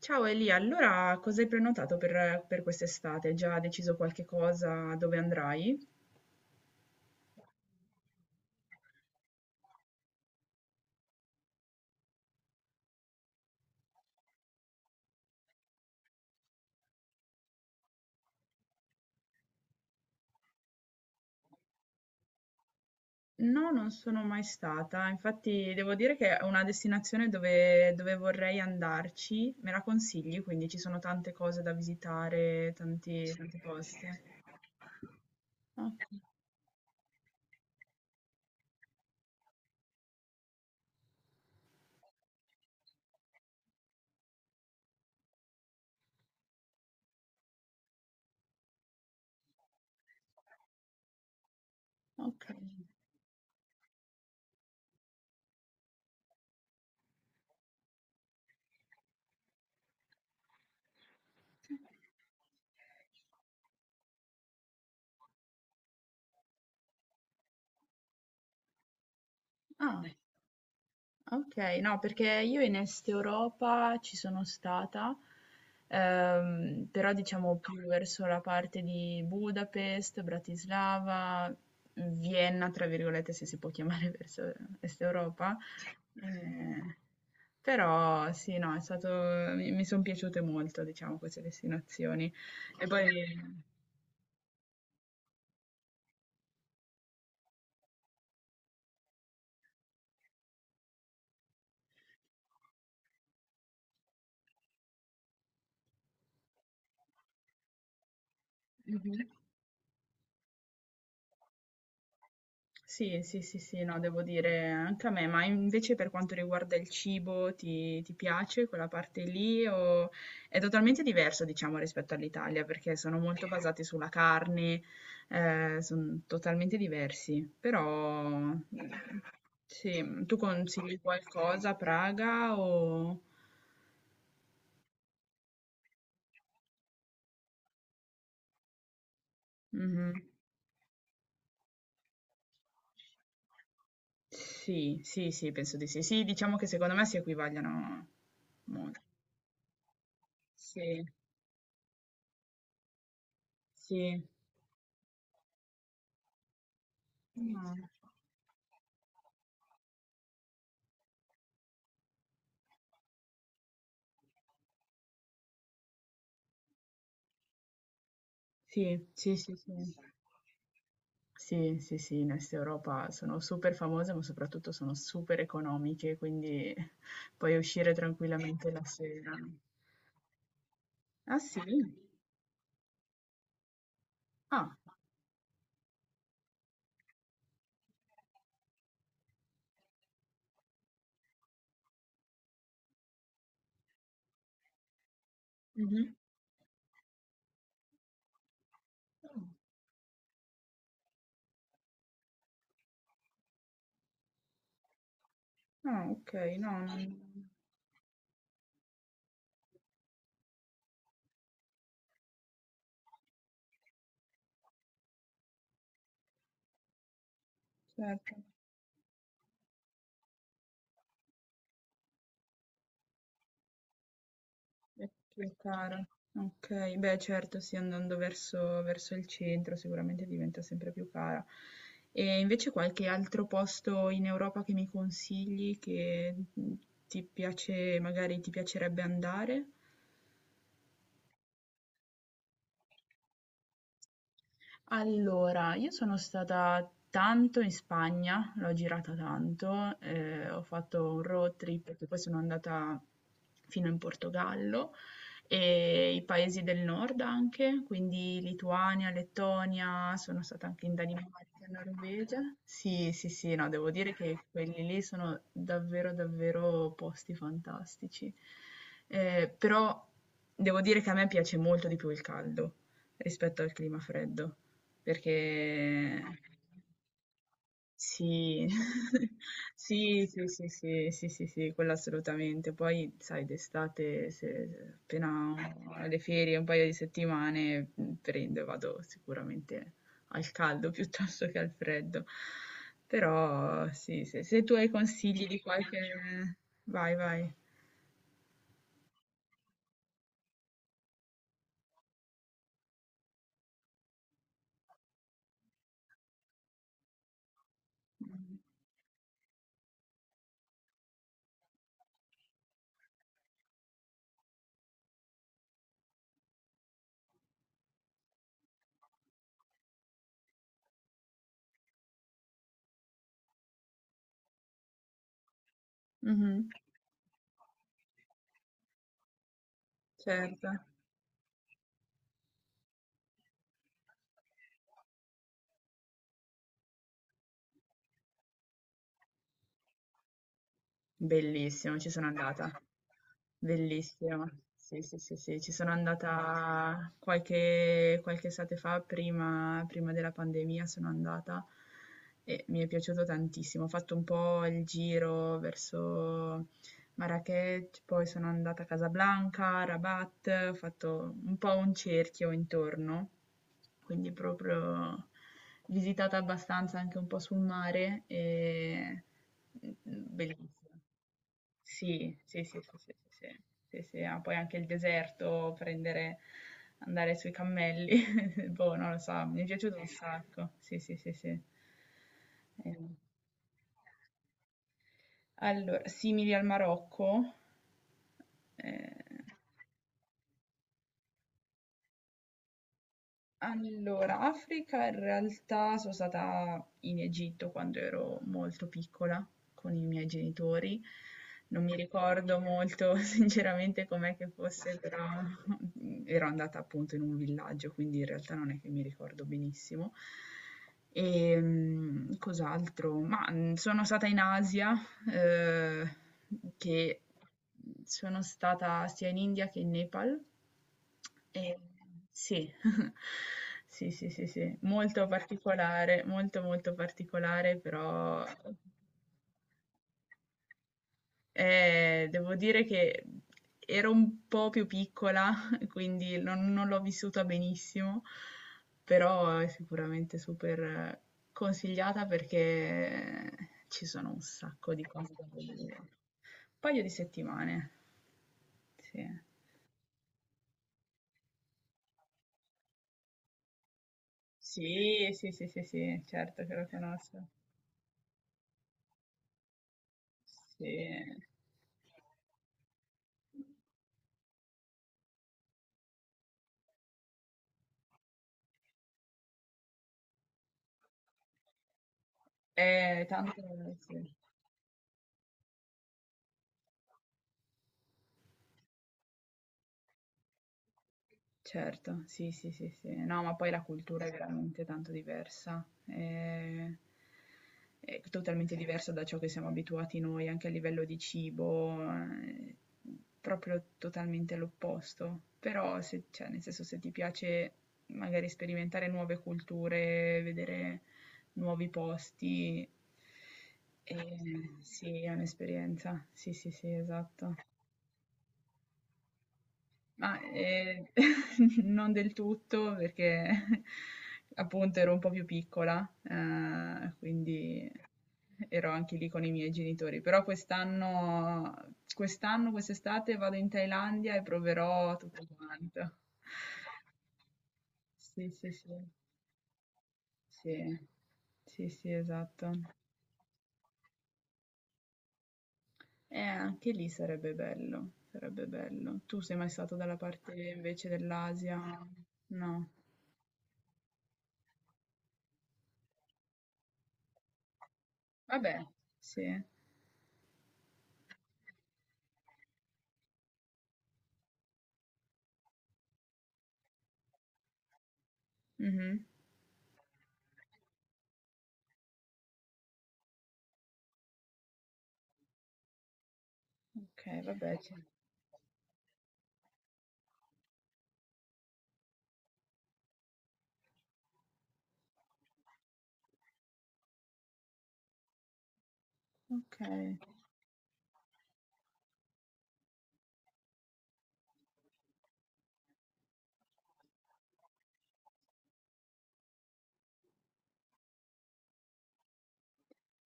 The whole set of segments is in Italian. Ciao Elia, allora cosa hai prenotato per quest'estate? Hai già deciso qualche cosa dove andrai? No, non sono mai stata, infatti devo dire che è una destinazione dove vorrei andarci, me la consigli, quindi ci sono tante cose da visitare, tanti posti. Ok, ok. Ah. Okay, no, perché io in Est Europa ci sono stata, però diciamo più verso la parte di Budapest, Bratislava, Vienna, tra virgolette, se si può chiamare verso Est Europa. Eh, però sì, no, è stato, mi sono piaciute molto, diciamo, queste destinazioni. E poi... Mhm. Sì, sì, sì, sì, no, devo dire anche a me, ma invece per quanto riguarda il cibo, ti piace quella parte lì o è totalmente diverso, diciamo, rispetto all'Italia, perché sono molto basati sulla carne, sono totalmente diversi, però mm, sì, tu consigli qualcosa a Praga o... Mhm. Sì, sì, sì, penso di sì. Sì, diciamo che secondo me si equivagliano molto. Sì, sì. No. Sì, sì, sì, sì. Sì, sì, sì, in Est Europa sono super famose, ma soprattutto sono super economiche, quindi puoi uscire tranquillamente la sera. Ah, sì? Ah, mhm. Ah, ok, no, non... certo. È più cara. Okay, beh certo sì, andando verso il centro sicuramente diventa sempre più cara. E invece qualche altro posto in Europa che mi consigli che, mhmm, ti piace magari ti piacerebbe andare? Allora, io sono stata tanto in Spagna, l'ho girata tanto, ho fatto un road trip perché poi sono andata fino in Portogallo e i paesi del nord anche, quindi Lituania, Lettonia, sono stata anche in Danimarca, Norvegia. Sì, sì, sì, no, devo dire che quelli lì sono davvero, davvero posti fantastici. Però devo dire che a me piace molto di più il caldo rispetto al clima freddo. Perché sì. Sì, sì, sì, sì, sì, sì, sì, quello assolutamente. Poi, sai, d'estate, se se appena ho le ferie, un paio di settimane, prendo e vado sicuramente al caldo piuttosto che al freddo. Però, sì, se tu hai consigli di qualche... Vai, vai. Mhm, certo. Bellissimo, ci sono andata. Bellissimo. Sì, sì, sì, sì, ci sono andata qualche estate fa, prima della pandemia sono andata e mi è piaciuto tantissimo. Ho fatto un po' il giro verso Marrakech, poi sono andata a Casablanca, Rabat, ho fatto un po' un cerchio intorno, quindi proprio visitata abbastanza anche un po' sul mare e mm, bellissimo. Sì, sì, sì, sì, sì, sì, sì. Sì, sì, ah, poi anche il deserto, prendere andare sui cammelli, boh, non lo so, mi è piaciuto un sacco. Sì, sì, sì, sì. Ehm, Allora, simili al Marocco, eh, Allora, Africa in realtà sono stata in Egitto quando ero molto piccola con i miei genitori. Non mi ricordo molto sinceramente com'è che fosse, però ero andata appunto in un villaggio, quindi in realtà non è che mi ricordo benissimo. E mm, cos'altro? Ma mm, sono stata in Asia, eh, che sono stata sia in India che in Nepal. E, sì. Sì, sì, sì, sì, molto particolare, molto particolare, però devo dire che ero un po' più piccola, quindi non l'ho vissuta benissimo, però è sicuramente super consigliata perché ci sono un sacco di cose da vedere. Un paio di settimane, sì. Sì, sì, sì, sì, sì, certo che lo conosco. Sì. Tanto sì, certo, sì, sì, sì, sì. No, ma poi la cultura è veramente tanto diversa. Eh, è, totalmente diversa da ciò che siamo abituati noi, anche a livello di cibo, proprio totalmente l'opposto. Però, se, cioè, nel senso, se ti piace magari sperimentare nuove culture, vedere nuovi posti, sì, è un'esperienza. Sì, sì, sì, esatto. Ma, non del tutto perché appunto ero un po' più piccola, quindi ero anche lì con i miei genitori. Però quest'estate vado in Thailandia e proverò tutto quanto. Sì, sì, sì, sì, sì, sì, esatto. Anche lì sarebbe bello, sarebbe bello. Tu sei mai stato dalla parte invece dell'Asia? No. Vabbè, sì. Mh-mh. Okay, vabbè, che okay.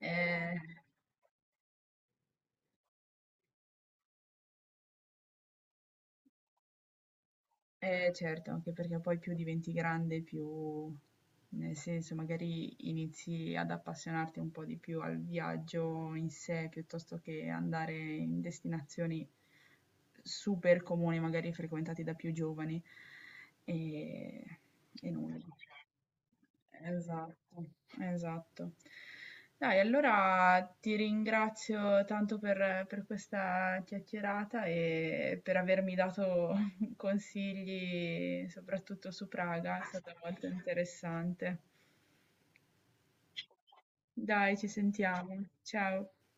Ehm Eh certo, anche perché poi più diventi grande, più nel senso magari inizi ad appassionarti un po' di più al viaggio in sé, piuttosto che andare in destinazioni super comuni, magari frequentate da più giovani. E, e nulla. Esatto, esatto. Dai, allora ti ringrazio tanto per questa chiacchierata e per avermi dato consigli soprattutto su Praga, è stata molto interessante. Dai, ci sentiamo. Ciao.